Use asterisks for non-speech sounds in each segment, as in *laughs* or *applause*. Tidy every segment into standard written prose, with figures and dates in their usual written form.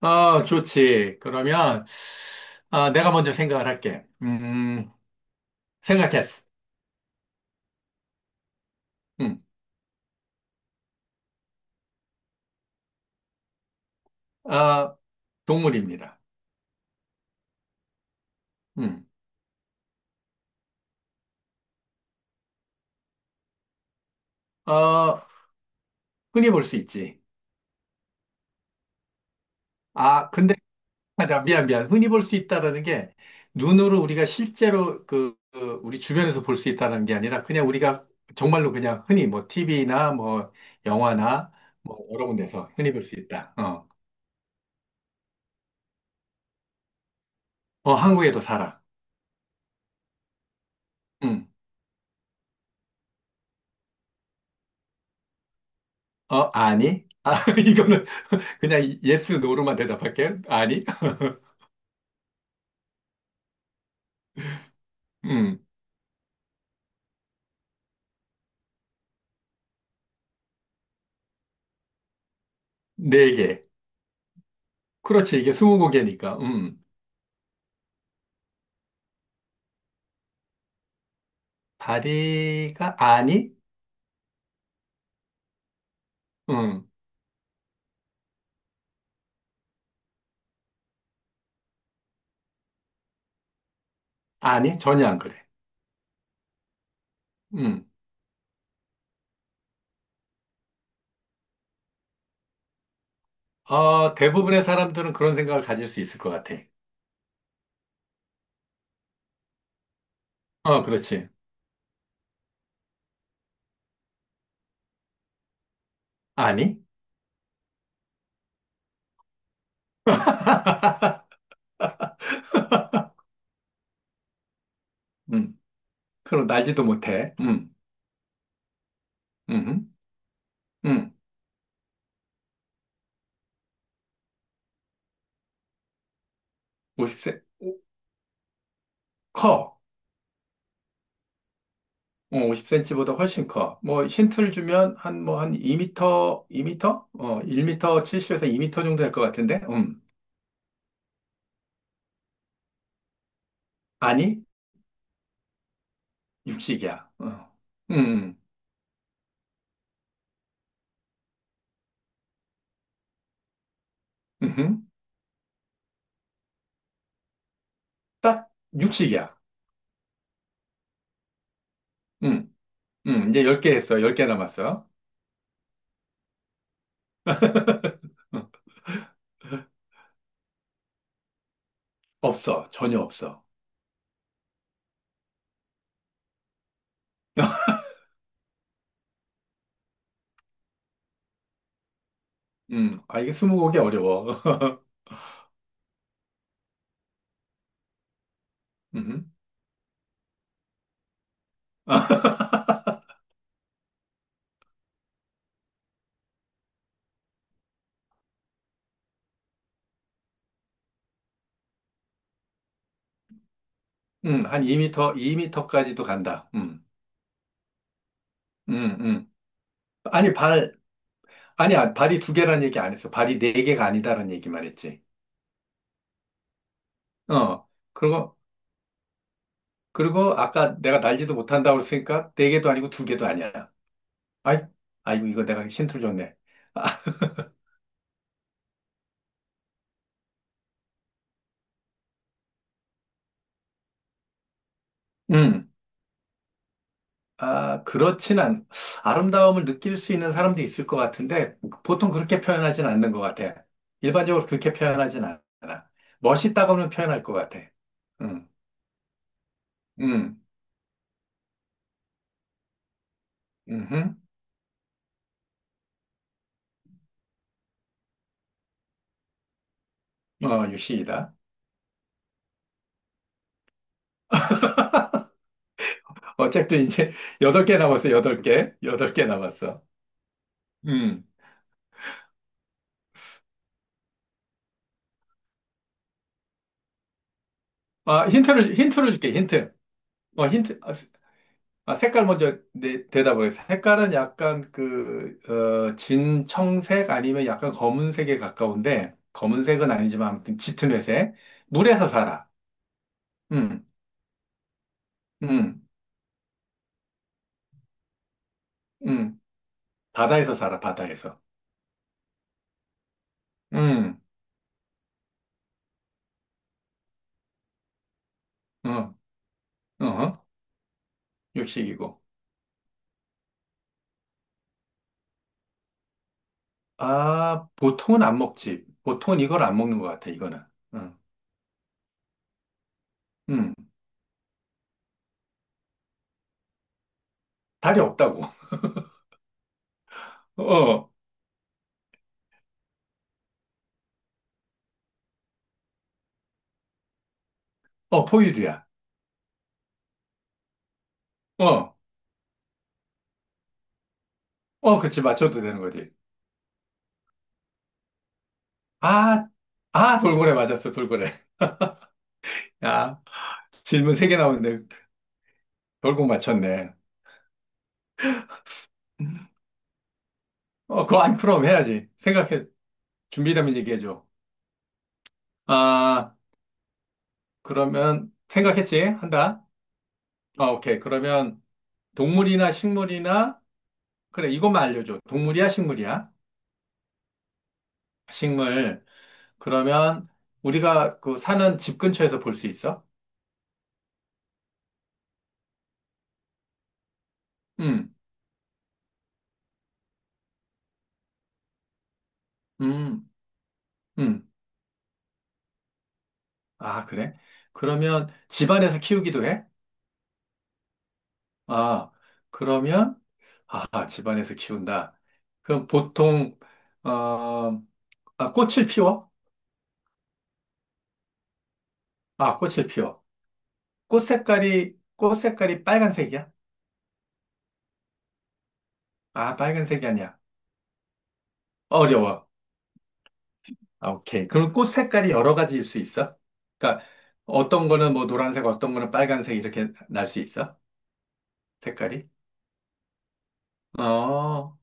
아, 좋지. 그러면, 아, 내가 먼저 생각을 할게. 생각했어. 음, 아, 동물입니다. 음, 어, 흔히 볼 수 있지. 아, 근데, 맞아. 미안, 미안. 흔히 볼 수 있다라는 게, 눈으로 우리가 실제로 그 우리 주변에서 볼 수 있다는 게 아니라, 그냥 우리가 정말로 그냥 흔히 뭐, TV나 뭐, 영화나 뭐, 여러 군데서 흔히 볼 수 있다. 한국에도 살아. 음, 아니? 아, *laughs* 이거는 *laughs* 그냥 예스, 노로만 대답할게. 아니? *laughs* 음, 네 개. 그렇지, 이게 스무 개니까. 다리가 아니? 음, 아니, 전혀 안 그래. 음, 대부분의 사람들은 그런 생각을 가질 수 있을 것 같아. 어, 그렇지. 아니? *laughs* 음, 그럼 날지도 못해. 음, 음, 50세. 커. 50cm보다 훨씬 커. 뭐 힌트를 주면 한 뭐 한 2미터, 2미터? 1미터 70에서 2미터 정도 될 것 같은데. 아니, 육식이야. 어. 음. 음. 음흠. 딱 육식이야. 음. 음. 이제 10개 했어. 10개 남았어. *laughs* 어, 없어. 전혀 없어. *laughs* 아, 이게 스무고개 어려워. *laughs* 음. *laughs* 한 2미터, 2미터까지도 간다. 음. 음, 음. 아니, 발, 아니야, 발이 두 개라는 얘기 안 했어. 발이 네 개가 아니다라는 얘기만 했지. 어. 그리고, 그리고 아까 내가 날지도 못한다고 했으니까 네 개도 아니고 두 개도 아니야. 아이, 아이고, 이거 내가 힌트를 줬네. 아, *laughs* 음. 아, 그렇진 않, 아름다움을 느낄 수 있는 사람도 있을 것 같은데, 보통 그렇게 표현하진 않는 것 같아. 일반적으로 그렇게 표현하진 않아. 멋있다고는 표현할 것 같아. 음, 음, 음, 유시이다. *laughs* 어쨌든 이제 여덟 개 남았어, 여덟 개. 여덟 개 남았어. 음. 아, 힌트를 줄게, 힌트. 어, 힌트. 아, 아, 색깔 먼저 대답을 해서. 색깔은 약간 진청색 아니면 약간 검은색에 가까운데, 검은색은 아니지만 아무튼 짙은 회색. 물에서 살아. 음, 음, 음. 바다에서 살아, 바다에서. 음, 어, 어, 육식이고. 아, 보통은 안 먹지. 보통은 이걸 안 먹는 것 같아, 이거는. 음, 음. 다리 없다고. 어, 어, 포유류야. 어, 어, 그치, 맞춰도 되는 거지. 아, 아, 돌고래 맞았어, 돌고래. *laughs* 야, 질문 세 개 나오는데 결국 맞췄네. 어, 그거 안 그럼 해야지. 생각해. 준비되면 얘기해줘. 아, 그러면 생각했지? 한다? 아, 오케이. 그러면 동물이나 식물이나, 그래, 이것만 알려줘. 동물이야, 식물이야? 식물. 그러면 우리가 그 사는 집 근처에서 볼 수 있어? 음, 음, 음. 아, 그래? 그러면 집안에서 키우기도 해? 아, 그러면, 아, 집안에서 키운다. 그럼 보통, 어, 아, 꽃을 피워? 아, 꽃을 피워. 꽃 색깔이 빨간색이야? 아, 빨간색이 아니야. 어려워. 아, 오케이. 그럼 꽃 색깔이 여러 가지일 수 있어? 그러니까 어떤 거는 뭐 노란색, 어떤 거는 빨간색 이렇게 날 수 있어? 색깔이? 어,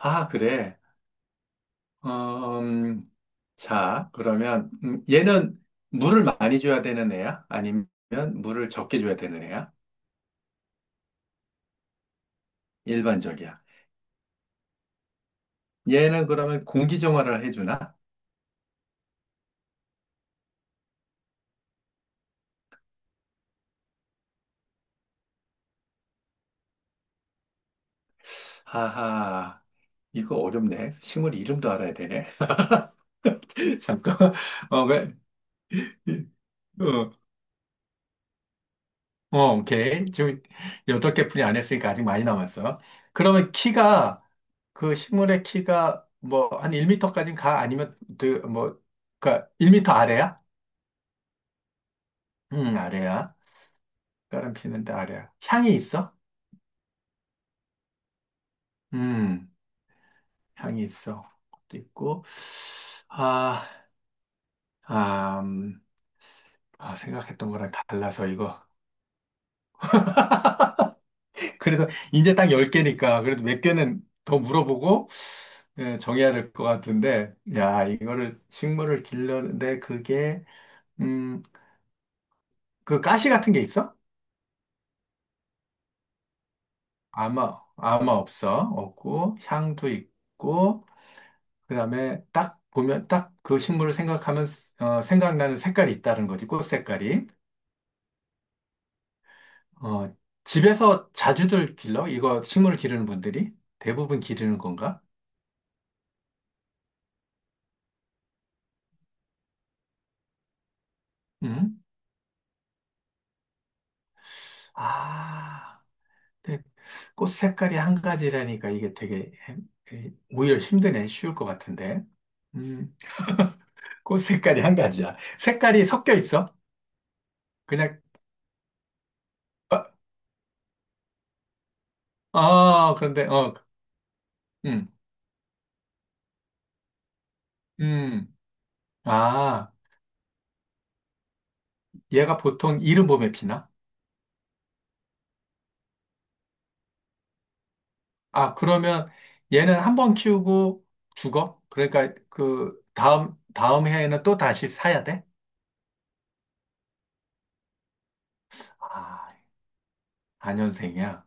아, 그래. 음, 자, 그러면 얘는 물을 많이 줘야 되는 애야? 아니면 물을 적게 줘야 되는 애야? 일반적이야. 얘는 그러면 공기 정화를 해주나? 하하, 이거 어렵네. 식물 이름도 알아야 되네. *laughs* 잠깐, 왜? 오케이. 지금 여덟 개 분이 안 했으니까 아직 많이 남았어. 그러면 키가, 그 식물의 키가 뭐 한1터까지는 가? 아니면 그 뭐, 그니까 1미터 아래야? 아래야. 다른 피는데 아래야. 향이 있어? 음, 향이 있어. 그것도 있고. 아, 아, 음, 생각했던 거랑 달라서 이거. *laughs* 그래서 이제 딱 10개니까 그래도 몇 개는 더 물어보고 예, 정해야 될 것 같은데 야 이거를 식물을 길러는데 그게 음 그 가시 같은 게 있어? 아마 없어 없고 향도 있고 그다음에 딱 보면 딱 그 식물을 생각하면 생각나는 색깔이 있다는 거지 꽃 색깔이 어 집에서 자주들 길러? 이거 식물을 기르는 분들이 대부분 기르는 건가? 음. 아. 꽃 색깔이 한 가지라니까 이게 되게 오히려 힘드네. 쉬울 것 같은데. 음, 꽃 색깔이 한 가지야. 색깔이 섞여 있어? 그냥 어, 그런데 음, 음, 아, 얘가 보통 이른 봄에 피나? 아, 그러면 얘는 한 번 키우고 죽어? 그러니까 그 다음 다음 해에는 또 다시 사야 돼? 아, 안현생이야.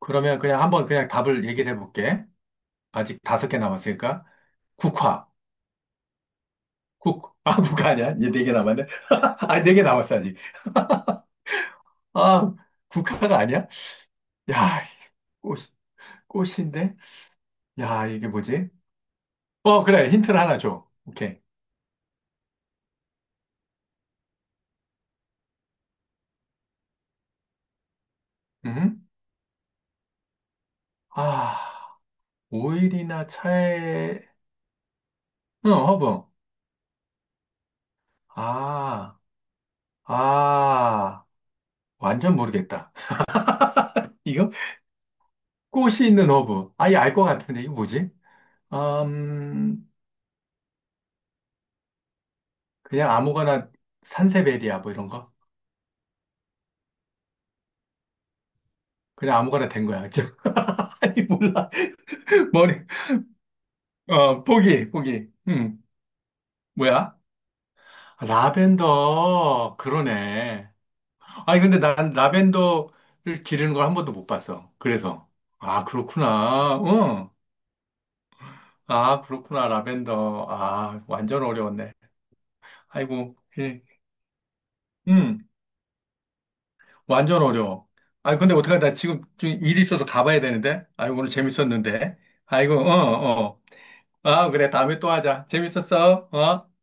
그러면 그냥 한번 그냥 답을 얘기를 해볼게. 아직 다섯 개 남았으니까 국화. 국화 아니야? 이제 네 개 남았네. *laughs* 아, 네 개 남았어, 아직. 아, 국화가 아니야? 야, 꽃, 꽃인데? 야, 이게 뭐지? 어, 그래. 힌트를 하나 줘. 오케이. 음? 아, 오일이나 차에, 응, 허브. 아, 아, 완전 모르겠다. *laughs* 이거? 꽃이 있는 허브. 아예 알 것 같은데, 이거 뭐지? 음, 그냥 아무거나 산세베리아, 뭐 이런 거? 그냥 아무거나 된 거야. *laughs* 아니, 몰라. 머리, 보기. 뭐야? 아, 라벤더, 그러네. 아니, 근데 난 라벤더를 기르는 걸 한 번도 못 봤어. 그래서. 아, 그렇구나. 응. 아, 그렇구나. 라벤더. 아, 완전 어려웠네. 아이고, 예. 음, 완전 어려워. 아니, 근데 어떡하나. 나 지금 좀 일이 있어서 가봐야 되는데. 아이고, 오늘 재밌었는데. 아이고, 어, 어. 아, 그래. 다음에 또 하자. 재밌었어. 어?